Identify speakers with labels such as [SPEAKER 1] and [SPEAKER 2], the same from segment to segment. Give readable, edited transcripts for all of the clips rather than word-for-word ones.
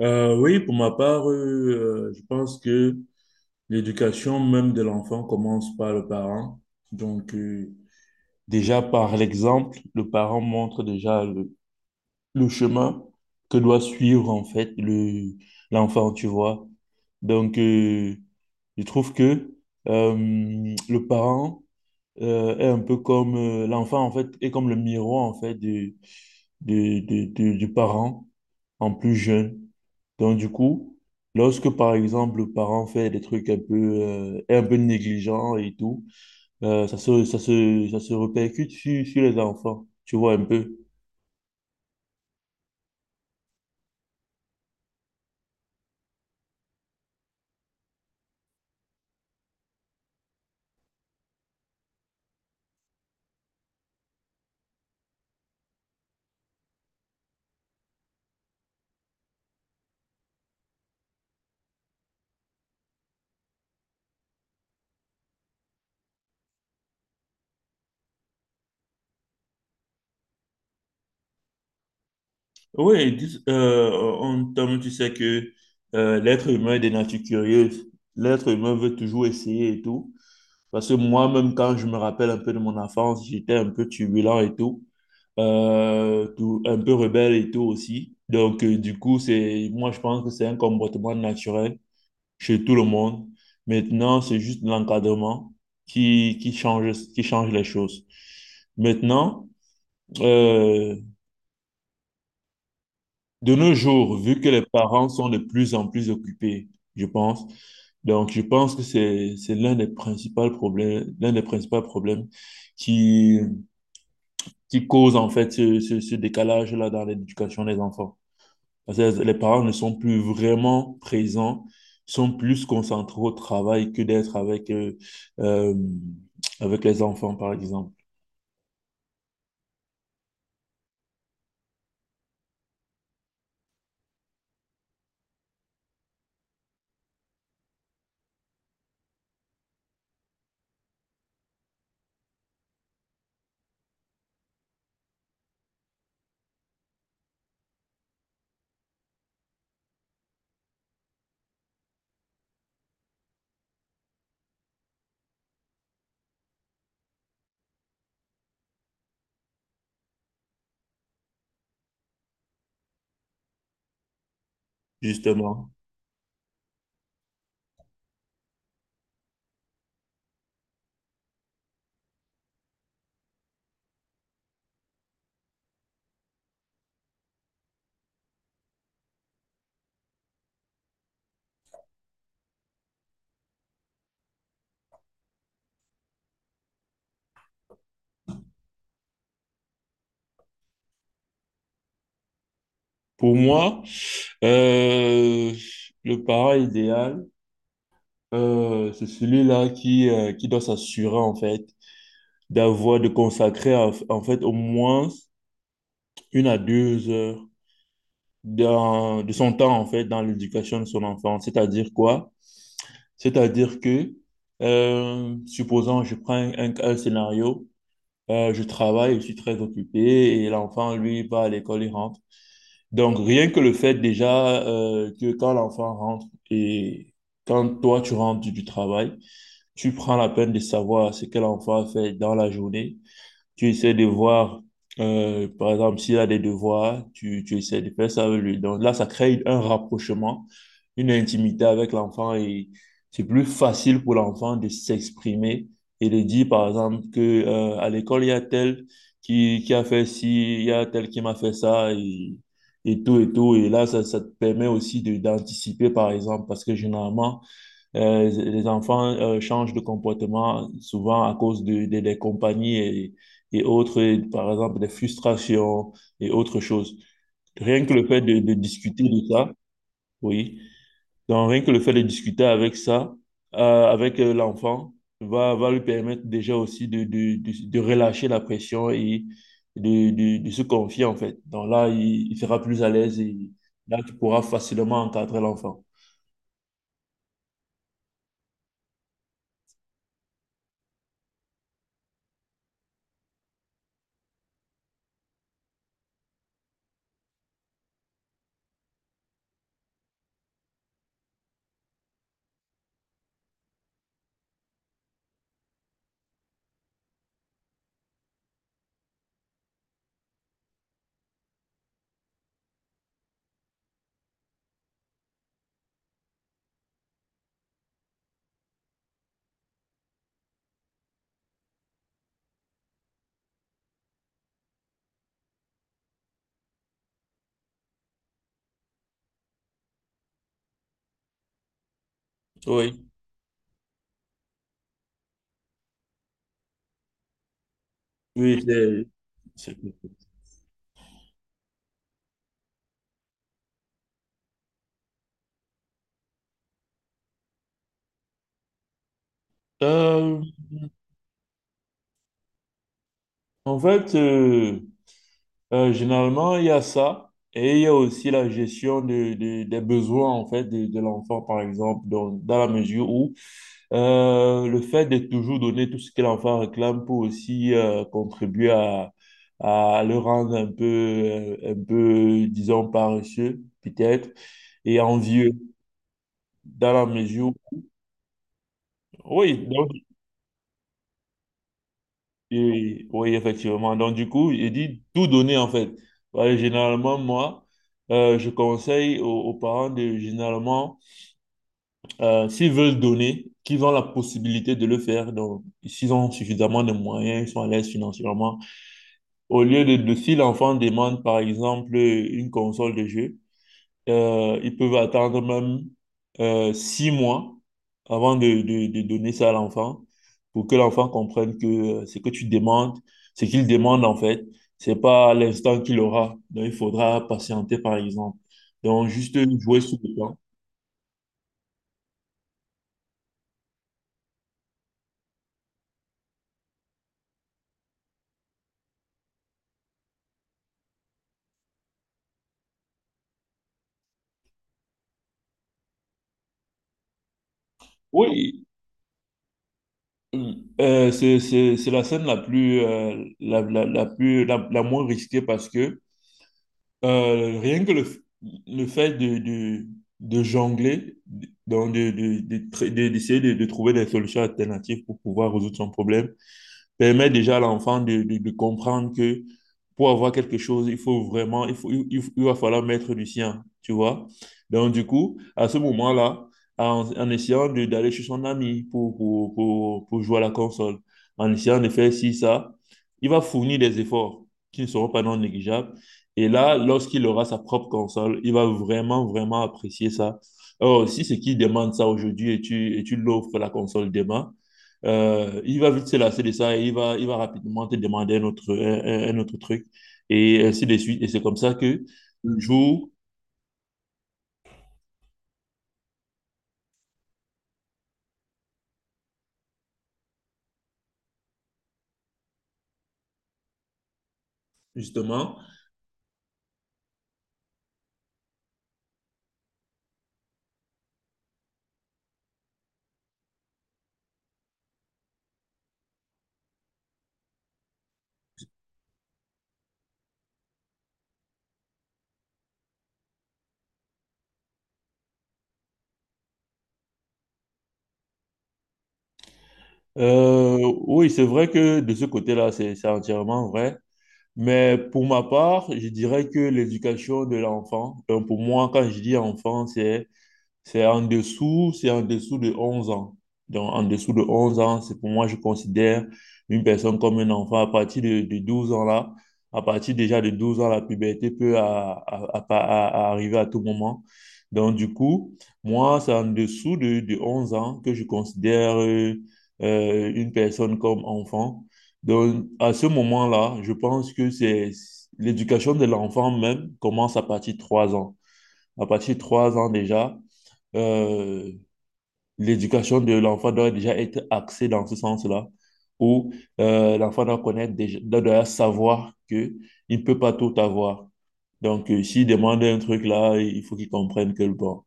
[SPEAKER 1] Oui, pour ma part, je pense que l'éducation même de l'enfant commence par le parent. Donc, déjà par l'exemple, le parent montre déjà le chemin que doit suivre en fait l'enfant, tu vois. Donc, je trouve que euh, le parent est un peu comme l'enfant en fait, est comme le miroir en fait du parent en plus jeune. Donc, du coup, lorsque, par exemple, le parent fait des trucs un peu négligents et tout, ça se répercute sur les enfants, tu vois un peu. Oui, ils disent, en termes, tu sais que l'être humain est des natures curieuses. L'être humain veut toujours essayer et tout. Parce que moi-même, quand je me rappelle un peu de mon enfance, j'étais un peu turbulent et tout. Tout, un peu rebelle et tout aussi. Donc, du coup, moi, je pense que c'est un comportement naturel chez tout le monde. Maintenant, c'est juste l'encadrement qui change les choses. Maintenant, euh, de nos jours, vu que les parents sont de plus en plus occupés, je pense, donc je pense que c'est l'un des principaux problèmes, l'un des principaux problèmes qui, qui cause en fait ce décalage-là dans l'éducation des enfants. Parce que les parents ne sont plus vraiment présents, sont plus concentrés au travail que d'être euh, avec les enfants, par exemple. Justement, pour moi, euh, le parent idéal, c'est celui-là qui doit s'assurer, en fait, de consacrer, au moins 1 à 2 heures de son temps, en fait, dans l'éducation de son enfant. C'est-à-dire quoi? C'est-à-dire que, supposons, je prends un scénario, je travaille, je suis très occupé et l'enfant, lui, va à l'école, il rentre. Donc, rien que le fait déjà que quand l'enfant rentre et quand toi, tu rentres du travail, tu prends la peine de savoir ce que l'enfant a fait dans la journée. Tu essaies de voir, par exemple, s'il a des devoirs, tu essaies de faire ça avec lui. Donc là, ça crée un rapprochement, une intimité avec l'enfant et c'est plus facile pour l'enfant de s'exprimer et de dire, par exemple, que, à l'école, il y a tel qui a fait ci, il y a tel qui m'a fait ça et tout et tout. Et là, ça te permet aussi d'anticiper, par exemple, parce que généralement, les enfants changent de comportement souvent à cause des compagnies et autres, et par exemple des frustrations et autres choses. Rien que le fait de discuter de ça, oui. Donc rien que le fait de discuter avec ça, avec l'enfant, va lui permettre déjà aussi de relâcher la pression et de se confier en fait. Donc là, il sera plus à l'aise et là, tu pourras facilement encadrer l'enfant. Oui, oui. C'est- Euh, En fait, généralement, il y a ça et il y a aussi la gestion des besoins en fait de l'enfant, par exemple, dans la mesure où le fait de toujours donner tout ce que l'enfant réclame peut aussi contribuer à le rendre un peu, disons, paresseux, peut-être, et envieux, dans la mesure où... Oui, oui, oui, effectivement. Donc, du coup, j'ai dit tout donner, en fait. Voilà, généralement, moi, je conseille aux parents généralement, s'ils veulent donner, qu'ils ont la possibilité de le faire. Donc, s'ils ont suffisamment de moyens, ils sont à l'aise financièrement. Au lieu si l'enfant demande, par exemple, une console de jeu, ils peuvent attendre même 6 mois avant de donner ça à l'enfant pour que l'enfant comprenne que euh, ce que tu demandes, ce qu'il demande en fait, c'est pas à l'instant qu'il aura. Donc, il faudra patienter par exemple. Donc, juste jouer sur le temps. Oui, c'est la scène la plus, la, la, la plus, la moins risquée parce que rien que le fait de jongler, donc d'essayer de trouver des solutions alternatives pour pouvoir résoudre son problème, permet déjà à l'enfant de comprendre que pour avoir quelque chose, il faut vraiment, il faut, il- va falloir mettre du sien, tu vois. Donc, du coup, à ce moment-là, en essayant d'aller chez son ami pour jouer à la console, en essayant de faire ci, ça, il va fournir des efforts qui ne seront pas non négligeables. Et là, lorsqu'il aura sa propre console, il va vraiment, vraiment apprécier ça. Or, si c'est qui demande ça aujourd'hui et tu l'offres la console demain, il va vite se lasser de ça et il va rapidement te demander un autre truc et ainsi de suite. Et c'est comme ça que le jour, justement, euh, oui, c'est vrai que de ce côté-là, c'est entièrement vrai. Mais pour ma part, je dirais que l'éducation de l'enfant, donc pour moi, quand je dis enfant, c'est en dessous de 11 ans. Donc, en dessous de 11 ans, c'est pour moi, je considère une personne comme un enfant. À partir de 12 ans là, à partir déjà de 12 ans, la puberté peut arriver à tout moment. Donc, du coup, moi, c'est en dessous de 11 ans que je considère une personne comme enfant. Donc, à ce moment-là, je pense que c'est l'éducation de l'enfant même commence à partir de 3 ans. À partir de 3 ans déjà, euh, l'éducation de l'enfant doit déjà être axée dans ce sens-là, où l'enfant doit connaître déjà, doit déjà savoir que il ne peut pas tout avoir. Donc, s'il demande un truc là, il faut qu'il comprenne que bon,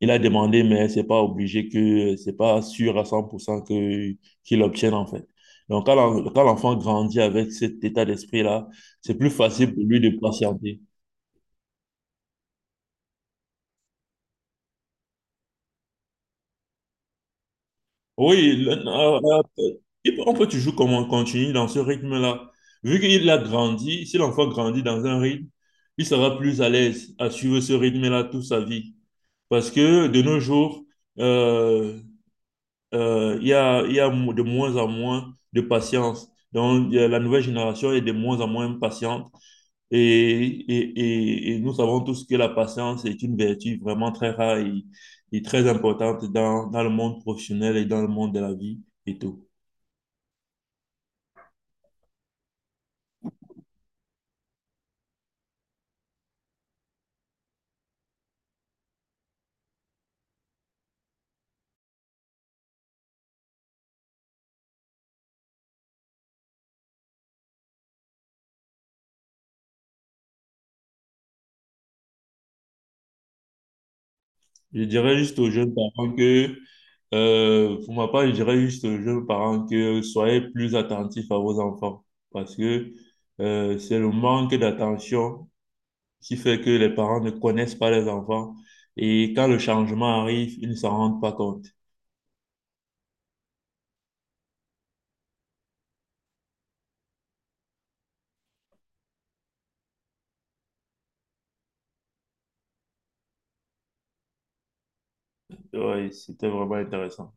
[SPEAKER 1] il a demandé, mais c'est pas obligé que c'est pas sûr à 100% que qu'il obtienne en fait. Donc, quand l'enfant grandit avec cet état d'esprit-là, c'est plus facile pour lui de patienter. Oui, euh, on peut toujours comme on continue dans ce rythme-là. Vu qu'il a grandi, si l'enfant grandit dans un rythme, il sera plus à l'aise à suivre ce rythme-là toute sa vie. Parce que de nos jours, euh, il y a de moins en moins de patience. Donc, la nouvelle génération est de moins en moins patiente. Et, et, et nous savons tous que la patience est une vertu vraiment très rare et très importante dans le monde professionnel et dans le monde de la vie et tout. Je dirais juste aux jeunes parents que, pour ma part, je dirais juste aux jeunes parents que soyez plus attentifs à vos enfants parce que c'est le manque d'attention qui fait que les parents ne connaissent pas les enfants et quand le changement arrive, ils ne s'en rendent pas compte. Ouais, c'était vraiment intéressant.